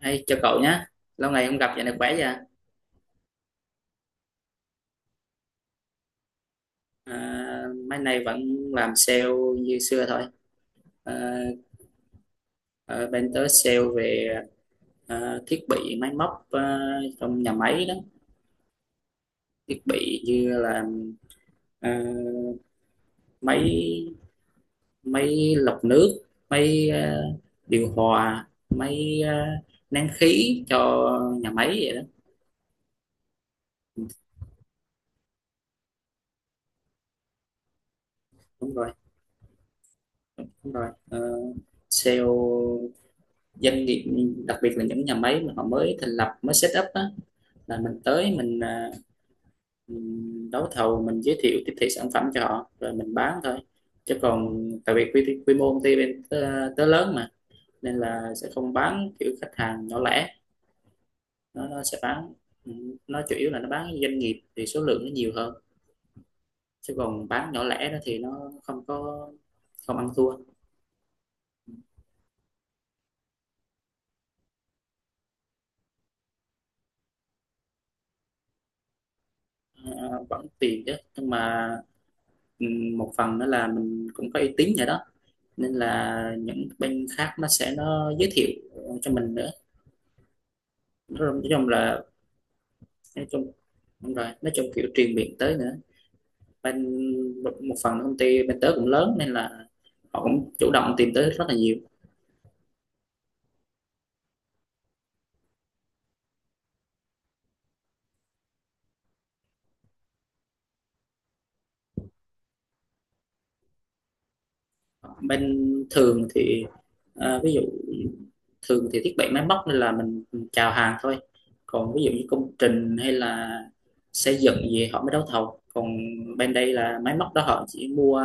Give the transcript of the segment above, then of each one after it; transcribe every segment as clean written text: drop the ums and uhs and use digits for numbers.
Hey, chào cậu nhé, lâu ngày không gặp, dạo này khỏe vậy? Mấy nay vẫn làm sale như xưa thôi. À, Ở bên tớ sale về thiết bị máy móc trong nhà máy đó, thiết bị như là à, máy máy lọc nước, máy điều hòa, máy nén khí cho nhà máy vậy đó. Ừ, Đúng rồi, đúng rồi. Ờ, sale doanh nghiệp, đặc biệt là những nhà máy mà họ mới thành lập, mới set up á, là mình tới mình mình đấu thầu, mình giới thiệu tiếp thị sản phẩm cho họ rồi mình bán thôi. Chứ còn tại vì quy mô công ty bên tớ, tớ lớn mà nên là sẽ không bán kiểu khách hàng nhỏ lẻ. Nó sẽ bán, ừ, nó chủ yếu là nó bán doanh nghiệp thì số lượng nó nhiều hơn, chứ còn bán nhỏ lẻ đó thì nó không có, không ăn thua. Vẫn tiền chứ, nhưng mà ừ, một phần nữa là mình cũng có uy tín rồi đó, nên là những bên khác nó sẽ nó giới thiệu cho mình nữa. Nói chung là nói chung đúng rồi, nói chung kiểu truyền miệng tới nữa. Bên một một phần công ty bên tớ cũng lớn nên là họ cũng chủ động tìm tới rất là nhiều. Bên thường thì à, ví dụ thường thì thiết bị máy móc nên là mình chào hàng thôi. Còn ví dụ như công trình hay là xây dựng gì họ mới đấu thầu, còn bên đây là máy móc đó họ chỉ mua,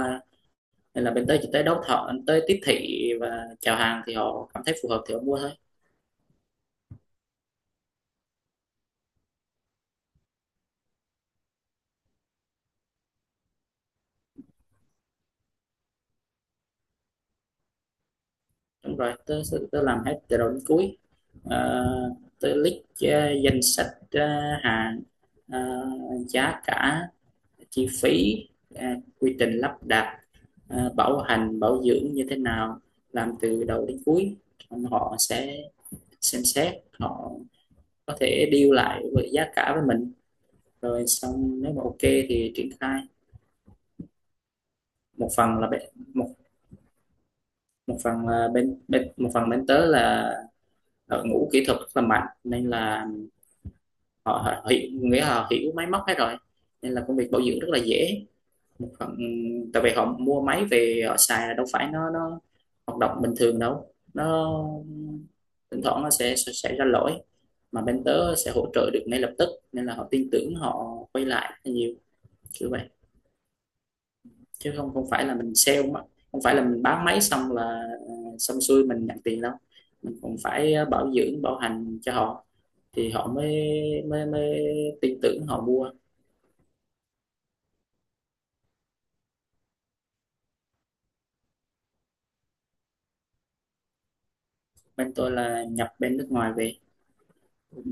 nên là bên tới chỉ tới đấu thầu, tới tiếp thị và chào hàng, thì họ cảm thấy phù hợp thì họ mua thôi. Đúng rồi, tớ làm hết từ đầu đến cuối. Ờ, tớ list danh sách hàng, ờ, giá cả, chi phí, ờ, quy trình lắp đặt, bảo hành bảo dưỡng như thế nào, làm từ đầu đến cuối. Xong họ sẽ xem xét, họ có thể deal lại với giá cả với mình, rồi xong nếu mà ok thì triển khai. một phần là bên một Một phần bên tớ là đội ngũ kỹ thuật rất là mạnh nên là họ, họ hiểu máy móc hết rồi, nên là công việc bảo dưỡng rất là dễ. Một phần tại vì họ mua máy về họ xài là đâu phải nó hoạt động bình thường đâu, nó thỉnh thoảng nó sẽ ra lỗi, mà bên tớ sẽ hỗ trợ được ngay lập tức nên là họ tin tưởng, họ quay lại rất nhiều, kiểu vậy. Chứ không không phải là mình sale mà không phải là mình bán máy xong là ờ, xong xuôi mình nhận tiền đâu, mình cũng phải bảo dưỡng bảo hành cho họ thì họ mới mới mới tin tưởng họ mua. Bên tôi là nhập bên nước ngoài về.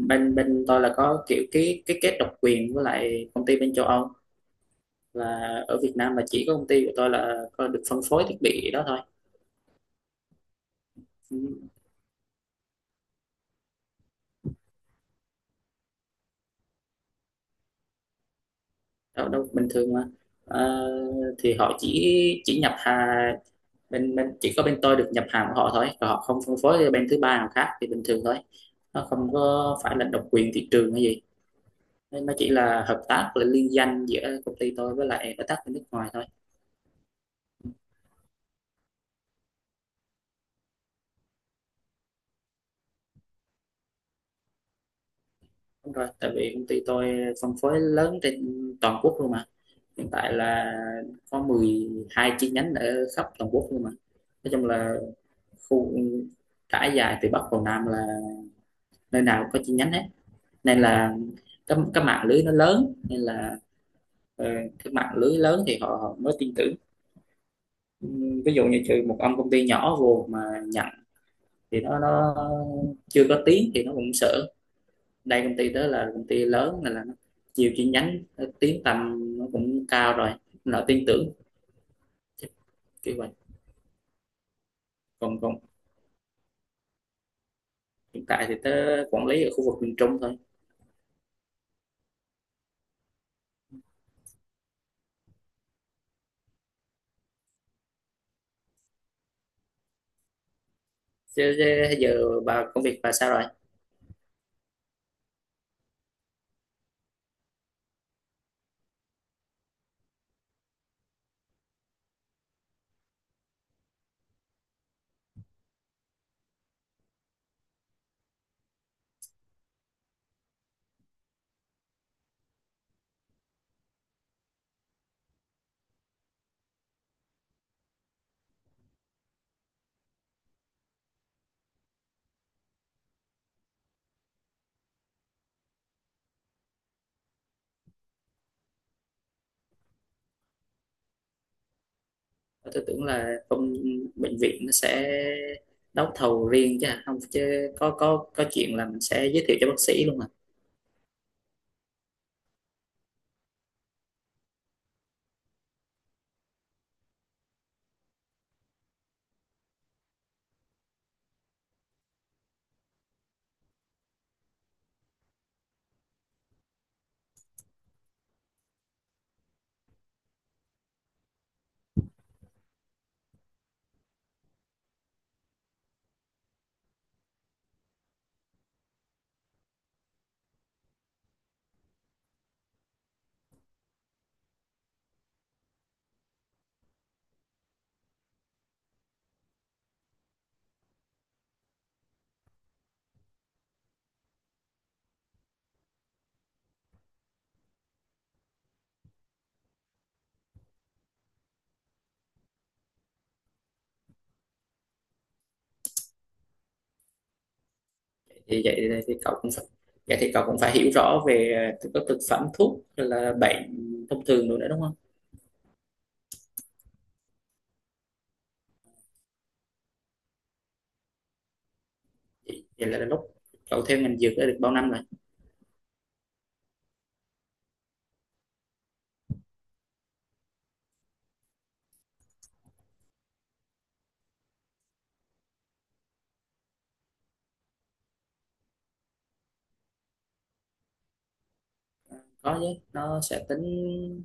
Bên bên tôi là có kiểu cái kết độc quyền với lại công ty bên châu Âu, và ở Việt Nam là chỉ có công ty của tôi là có được phân phối thiết bị đó thôi. Ừ, đâu đâu, bình thường mà. Ờ, thì họ chỉ nhập hàng, bên bên chỉ có bên tôi được nhập hàng của họ thôi, còn họ không phân phối cho bên thứ ba nào khác thì bình thường thôi, nó không có phải là độc quyền thị trường hay gì. Nên nó chỉ là hợp tác, là liên danh giữa công ty tôi với lại đối tác bên nước ngoài thôi. Đúng rồi, tại vì công ty tôi phân phối lớn trên toàn quốc luôn mà. Hiện tại là có 12 chi nhánh ở khắp toàn quốc luôn mà. Nói chung là khu trải dài từ Bắc vào Nam, là nơi nào cũng có chi nhánh hết. Nên là cái mạng lưới nó lớn nên là ờ, cái mạng lưới lớn thì họ mới tin tưởng. Ví dụ như trừ một ông công ty nhỏ vô mà nhận thì nó chưa có tiếng thì nó cũng sợ. Đây công ty đó là công ty lớn nên là nó nhiều chi nhánh, nó tiếng tăm nó cũng cao rồi, nó tin tưởng. Chắc kiểu vậy. Còn còn Hiện tại thì tớ quản lý ở khu vực miền Trung thôi. Chứ, chứ Giờ bà công việc bà sao rồi? Tớ tưởng là công bệnh viện nó sẽ đấu thầu riêng chứ hả? Không chứ có chuyện là mình sẽ giới thiệu cho bác sĩ luôn mà. Thì vậy thì cậu cũng phải Vậy thì cậu cũng phải hiểu rõ về các thực phẩm thuốc rồi là bệnh thông thường rồi nữa đó, đúng không? Vậy vậy là lúc cậu theo ngành dược đã được bao năm rồi? Có chứ, nó sẽ tính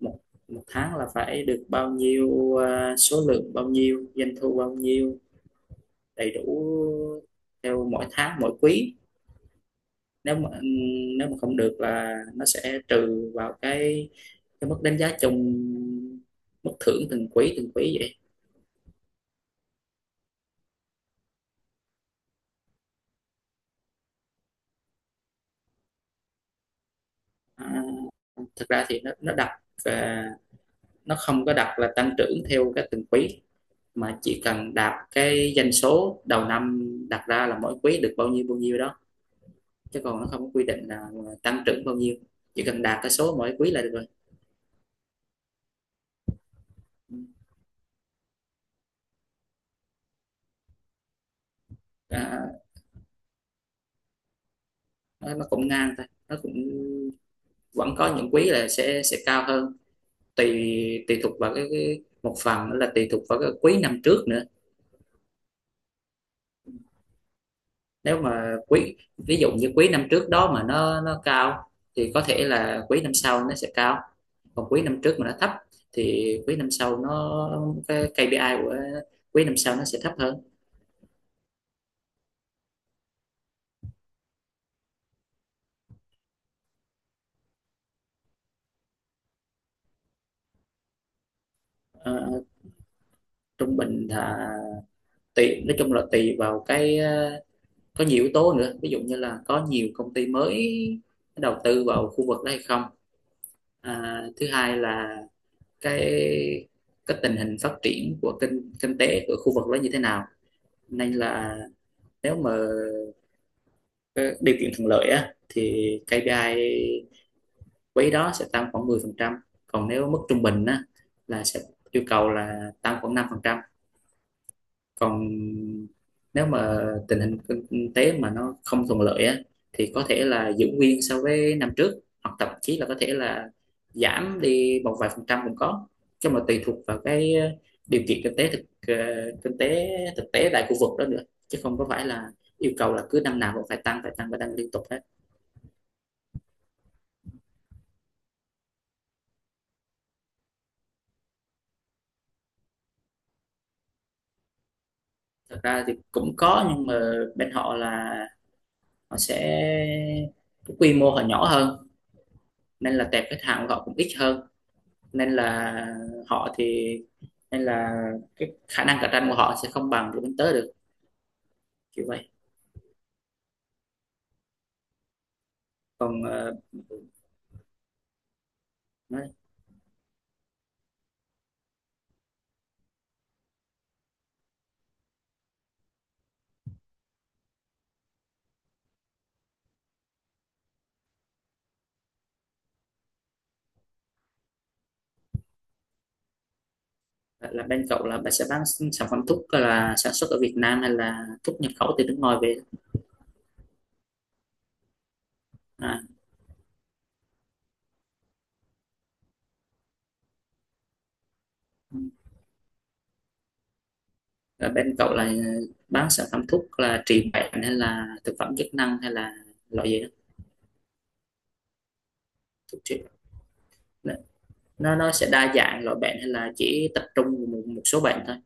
một một tháng là phải được bao nhiêu, số lượng bao nhiêu, doanh thu bao nhiêu, đầy đủ theo mỗi tháng mỗi quý. nếu mà Nếu mà không được là nó sẽ trừ vào cái mức đánh giá chung, mức thưởng từng quý, từng quý vậy. à, Thực ra thì nó không có đặt là tăng trưởng theo cái từng quý, mà chỉ cần đạt cái doanh số đầu năm đặt ra là mỗi quý được bao nhiêu đó. Chứ còn nó không có quy định là tăng trưởng bao nhiêu, chỉ cần đạt cái số mỗi quý là được rồi. à, nó cũng ngang thôi, nó cũng vẫn có những quý là sẽ cao hơn. Tùy Tùy thuộc vào cái, một phần nữa là tùy thuộc vào cái quý năm trước nữa. Nếu mà quý ví dụ như quý năm trước đó mà nó cao thì có thể là quý năm sau nó sẽ cao. Còn quý năm trước mà nó thấp thì quý năm sau nó cái KPI của quý năm sau nó sẽ thấp hơn. Ờ, trung bình là tùy, nói chung là tùy vào cái có nhiều yếu tố nữa, ví dụ như là có nhiều công ty mới đầu tư vào khu vực đó hay không, thứ hai là cái cái tình hình phát triển của kinh kinh tế của khu vực đó như thế nào. Nên là nếu mà cái điều kiện thuận lợi á thì KPI quý đó sẽ tăng khoảng 10%, còn nếu mức trung bình á là sẽ yêu cầu là tăng khoảng 5%. Còn nếu mà tình hình kinh tế mà nó không thuận lợi á thì có thể là giữ nguyên so với năm trước, hoặc thậm chí là có thể là giảm đi một vài phần trăm cũng có. Chứ mà tùy thuộc vào cái ờ, điều kiện kinh tế thực ờ, kinh tế thực tế tại khu vực đó nữa, chứ không có phải là yêu cầu là cứ năm nào cũng phải tăng, phải tăng liên tục hết. Thật ra thì cũng có, nhưng mà bên họ là họ sẽ cái quy mô họ nhỏ hơn, nên là tệp khách hàng của họ cũng ít hơn. Nên là họ thì nên là cái khả năng cạnh tranh của họ sẽ không bằng của bên tớ được, kiểu vậy. Còn ờ, nói là bên cậu là bạn sẽ bán sản phẩm thuốc là sản xuất ở Việt Nam hay là thuốc nhập khẩu từ nước ngoài về? à, là bên cậu là bán sản phẩm thuốc là trị bệnh hay là thực phẩm chức năng hay là loại gì đó? Thuốc trị, nó sẽ đa dạng loại bệnh hay là chỉ tập trung một số bệnh thôi?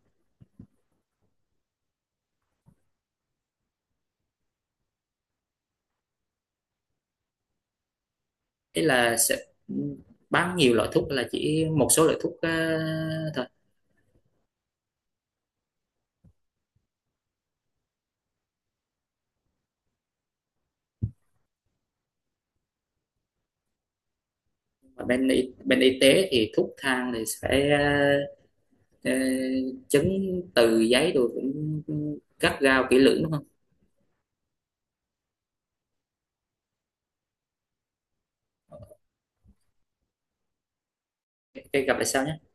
Ý là sẽ bán nhiều loại thuốc hay là chỉ một số loại thuốc thôi? Và bên y tế thì thuốc thang thì sẽ ờ, ờ, chứng từ giấy rồi cũng gắt gao kỹ lưỡng đúng không? Ok, gặp lại sau nhé.